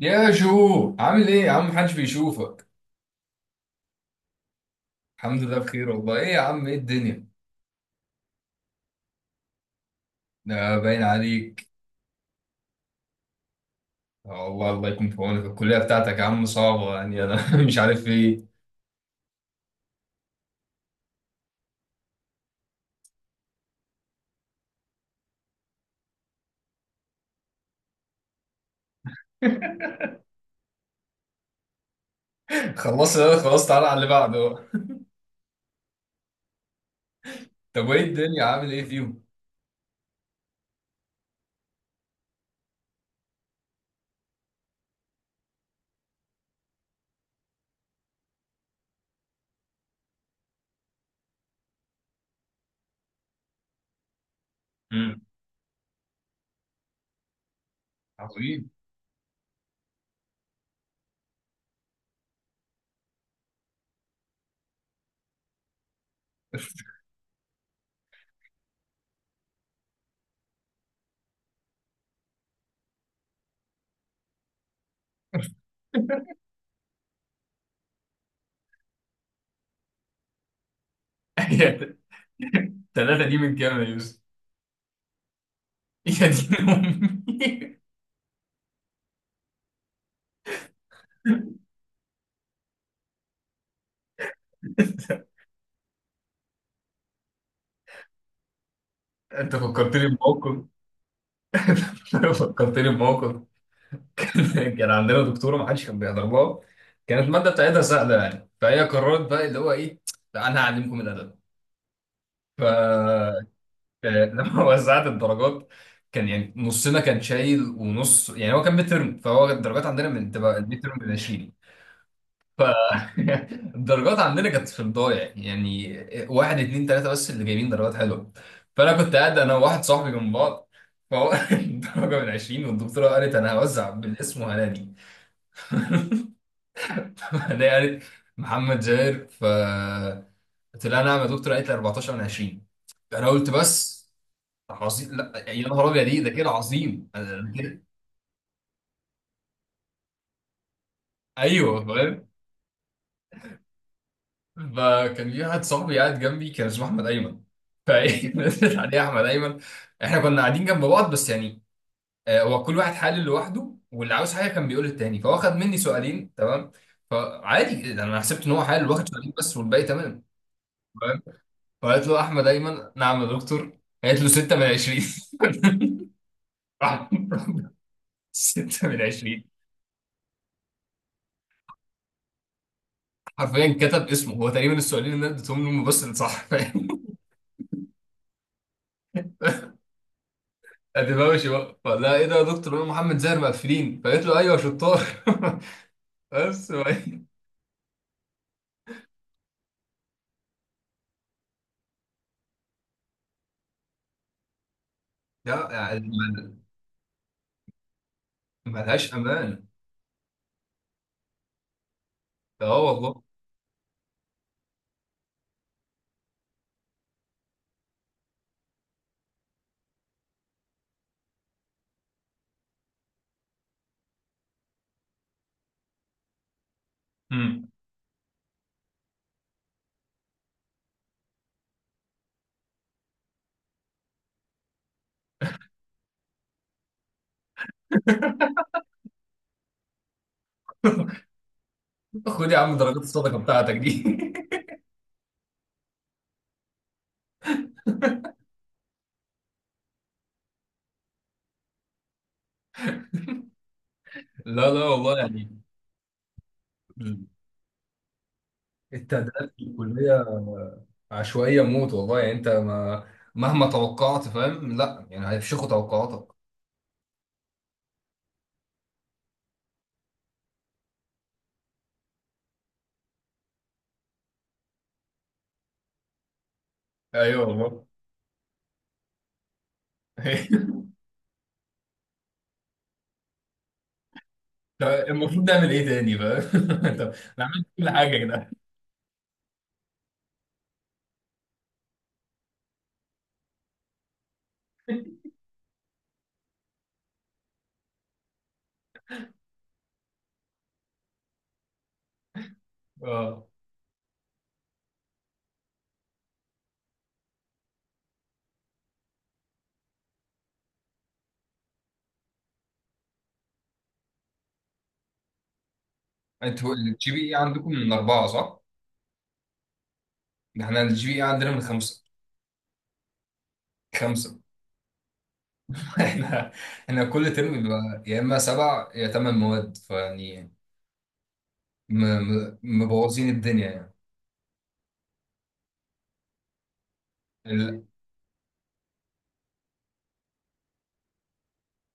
يا جو، عامل ايه يا عم؟ محدش بيشوفك. الحمد لله بخير والله. ايه يا عم؟ ايه الدنيا؟ ده باين عليك. آه والله، الله يكون في عونك. الكلية بتاعتك يا عم صعبة يعني، انا مش عارف ايه. خلصت ده، خلاص تعالى على اللي بعده بقى. طب وايه الدنيا؟ عامل ايه فيهم؟ امم عظيم. الثلاثة دي من كام يا يوسف؟ يا دين امي! انت فكرتني بموقف. فكرتني بموقف. كان عندنا دكتوره ما حدش كان بيحضر لها. كانت الماده بتاعتها سهله يعني، فهي قررت بقى اللي هو ايه، لا انا هعلمكم الادب. ف لما وزعت الدرجات كان يعني نصنا كان شايل ونص، يعني هو كان ميد ترم، فهو الدرجات عندنا من تبقى الميد ترم ب 20. ف الدرجات عندنا كانت في الضايع، يعني واحد اتنين تلاته بس اللي جايبين درجات حلوه. فانا كنت قاعد انا وواحد صاحبي جنب بعض، فهو الدرجه من 20، والدكتوره قالت انا هوزع بالاسم وهنادي. انا قالت محمد زاهر. ف قلت لها نعم يا دكتور. قالت لي 14 من 20. انا قلت بس. عظيم، لا يا نهار ابيض، ايه ده كده؟ عظيم. أنا كده. ايوه، فاهم. فكان في واحد صاحبي قاعد جنبي، كان اسمه احمد ايمن. فايه نزلت عليه احمد ايمن. احنا كنا قاعدين جنب بعض بس يعني، هو كل واحد حلل لوحده واللي عاوز حاجه كان بيقول للتاني، فهو خد مني سؤالين تمام. فعادي انا حسبت ان هو حلل واخد سؤالين بس والباقي تمام. فقالت له احمد ايمن، نعم يا دكتور. قالت له 6 من 20. راح راح، 6 من 20. حرفيا كتب اسمه. هو تقريبا السؤالين اللي انا اديتهم له هم بس اللي صح، فاهم. ادبوشي بقى. فلا ايه ده يا دكتور، انا محمد زاهر مقفلين. فقالت له ايوه يا شطار. بس لا يعني ما- ملهاش امان. اه والله. امم خد يا عم درجات الصدقه بتاعتك دي. لا لا والله يعني، التقديرات في الكلية عشوائية موت والله. يعني انت ما مهما توقعت فاهم، لا يعني هيفشخوا توقعاتك. ايوه والله. طب المفروض نعمل ايه تاني، فاهم. طب انا عملت كل حاجه كده. اه، انتوا الجي بي اي عندكم من أربعة، صح؟ ده احنا الجي بي اي عندنا من خمسة. خمسة احنا احنا كل ترم بيبقى يا إما سبع يا تمن مواد، فيعني مبوظين الدنيا. يعني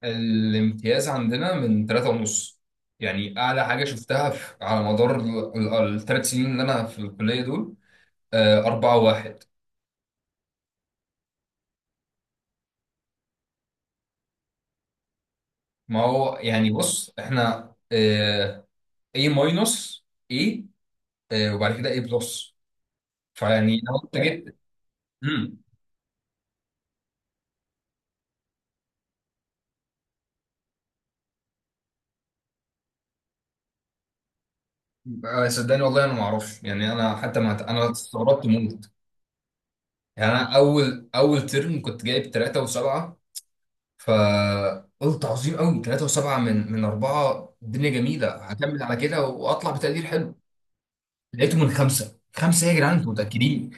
الامتياز عندنا من تلاتة ونص. يعني أعلى حاجة شفتها في على مدار الثلاث سنين اللي أنا في الكلية دول، أربعة واحد. ما هو يعني بص إحنا، A ماينس، A، وبعد كده A بلس. فيعني لو أنت جيت. مم. صدقني والله، أنا ما أعرفش يعني. أنا حتى ما أنا استغربت موت. يعني أنا أول ترم كنت جايب تلاتة وسبعة. فقلت عظيم قوي، 3 و7 من 4. الدنيا جميله، هكمل على كده واطلع بتقدير حلو. لقيته من 5 5، يا جدعان انتوا متاكدين؟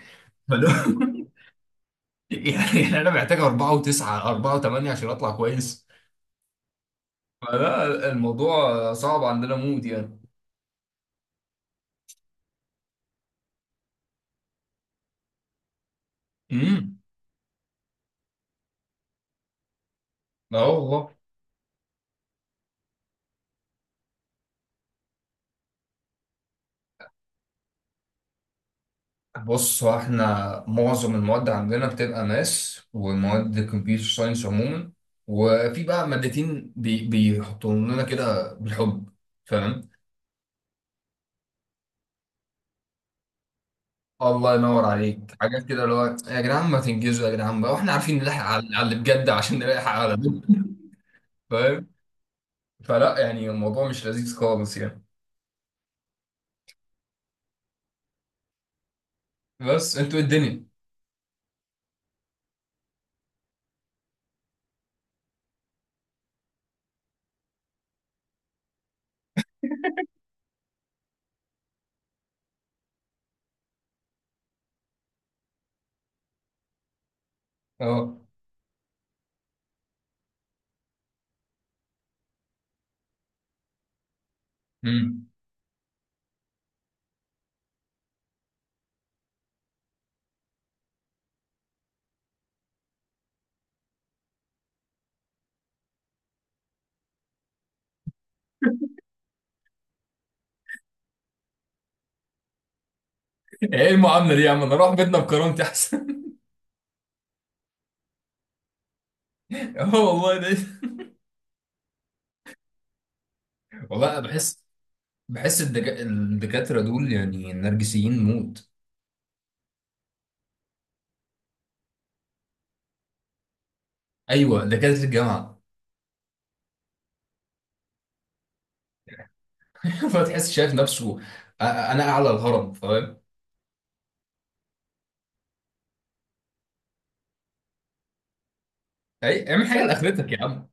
فلو يعني انا محتاج 4 و9، 4 و8 عشان اطلع كويس. فلا الموضوع صعب عندنا مود يعني. امم لا والله. بص هو احنا معظم المواد عندنا بتبقى ماس ومواد كمبيوتر ساينس عموما. وفي بقى مادتين بيحطوا لنا كده بالحب، فاهم. الله ينور عليك. حاجات كده اللي هو يا جدعان ما تنجزوا، يا جدعان بقى واحنا عارفين نلحق على اللي بجد عشان نلحق على ده. فاهم. فلا يعني الموضوع مش لذيذ خالص يعني. بس انتوا إيه الدنيا؟ اه. امم ايه المعامله دي يا عم؟ انا اروح بيتنا بكرامتي احسن. اه والله ده. والله أنا بحس. الدكاتره دول يعني نرجسيين موت. ايوه، دكاتره الجامعه. فتحس شايف نفسه، انا اعلى الهرم، فاهم. اعمل حاجه لاخرتك يا عم.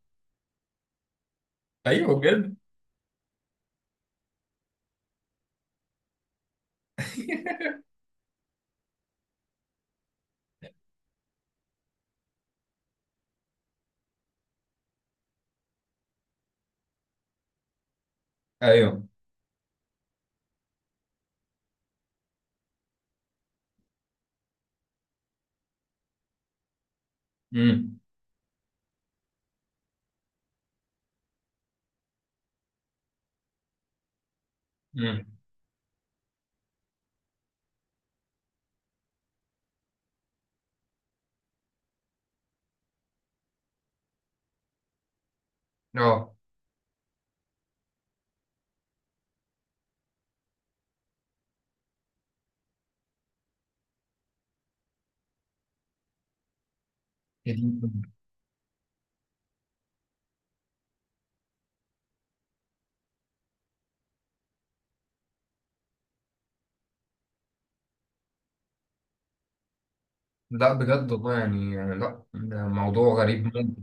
ايوه بجد. ايوه. امم امم اه، هي دي. لا بجد والله، يعني لا ده موضوع غريب ممكن.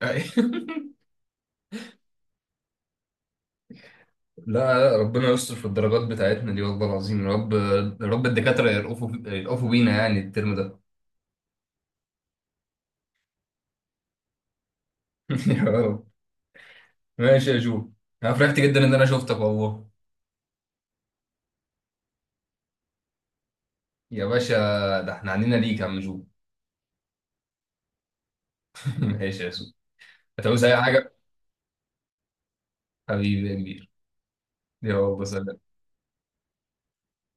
لا لا، ربنا يستر في الدرجات بتاعتنا دي والله العظيم، يا رب. يا رب الدكاترة يرقفوا يرقفوا بينا، يعني الترم ده. يا رب. ماشي يا جو. انا فرحت جدا ان انا شفتك والله. يا باشا، ده احنا علينا ليك يا عم جو. ماشي يا جو. هتعوز اي حاجة؟ حبيبي يا كبير. يا الله، سلام.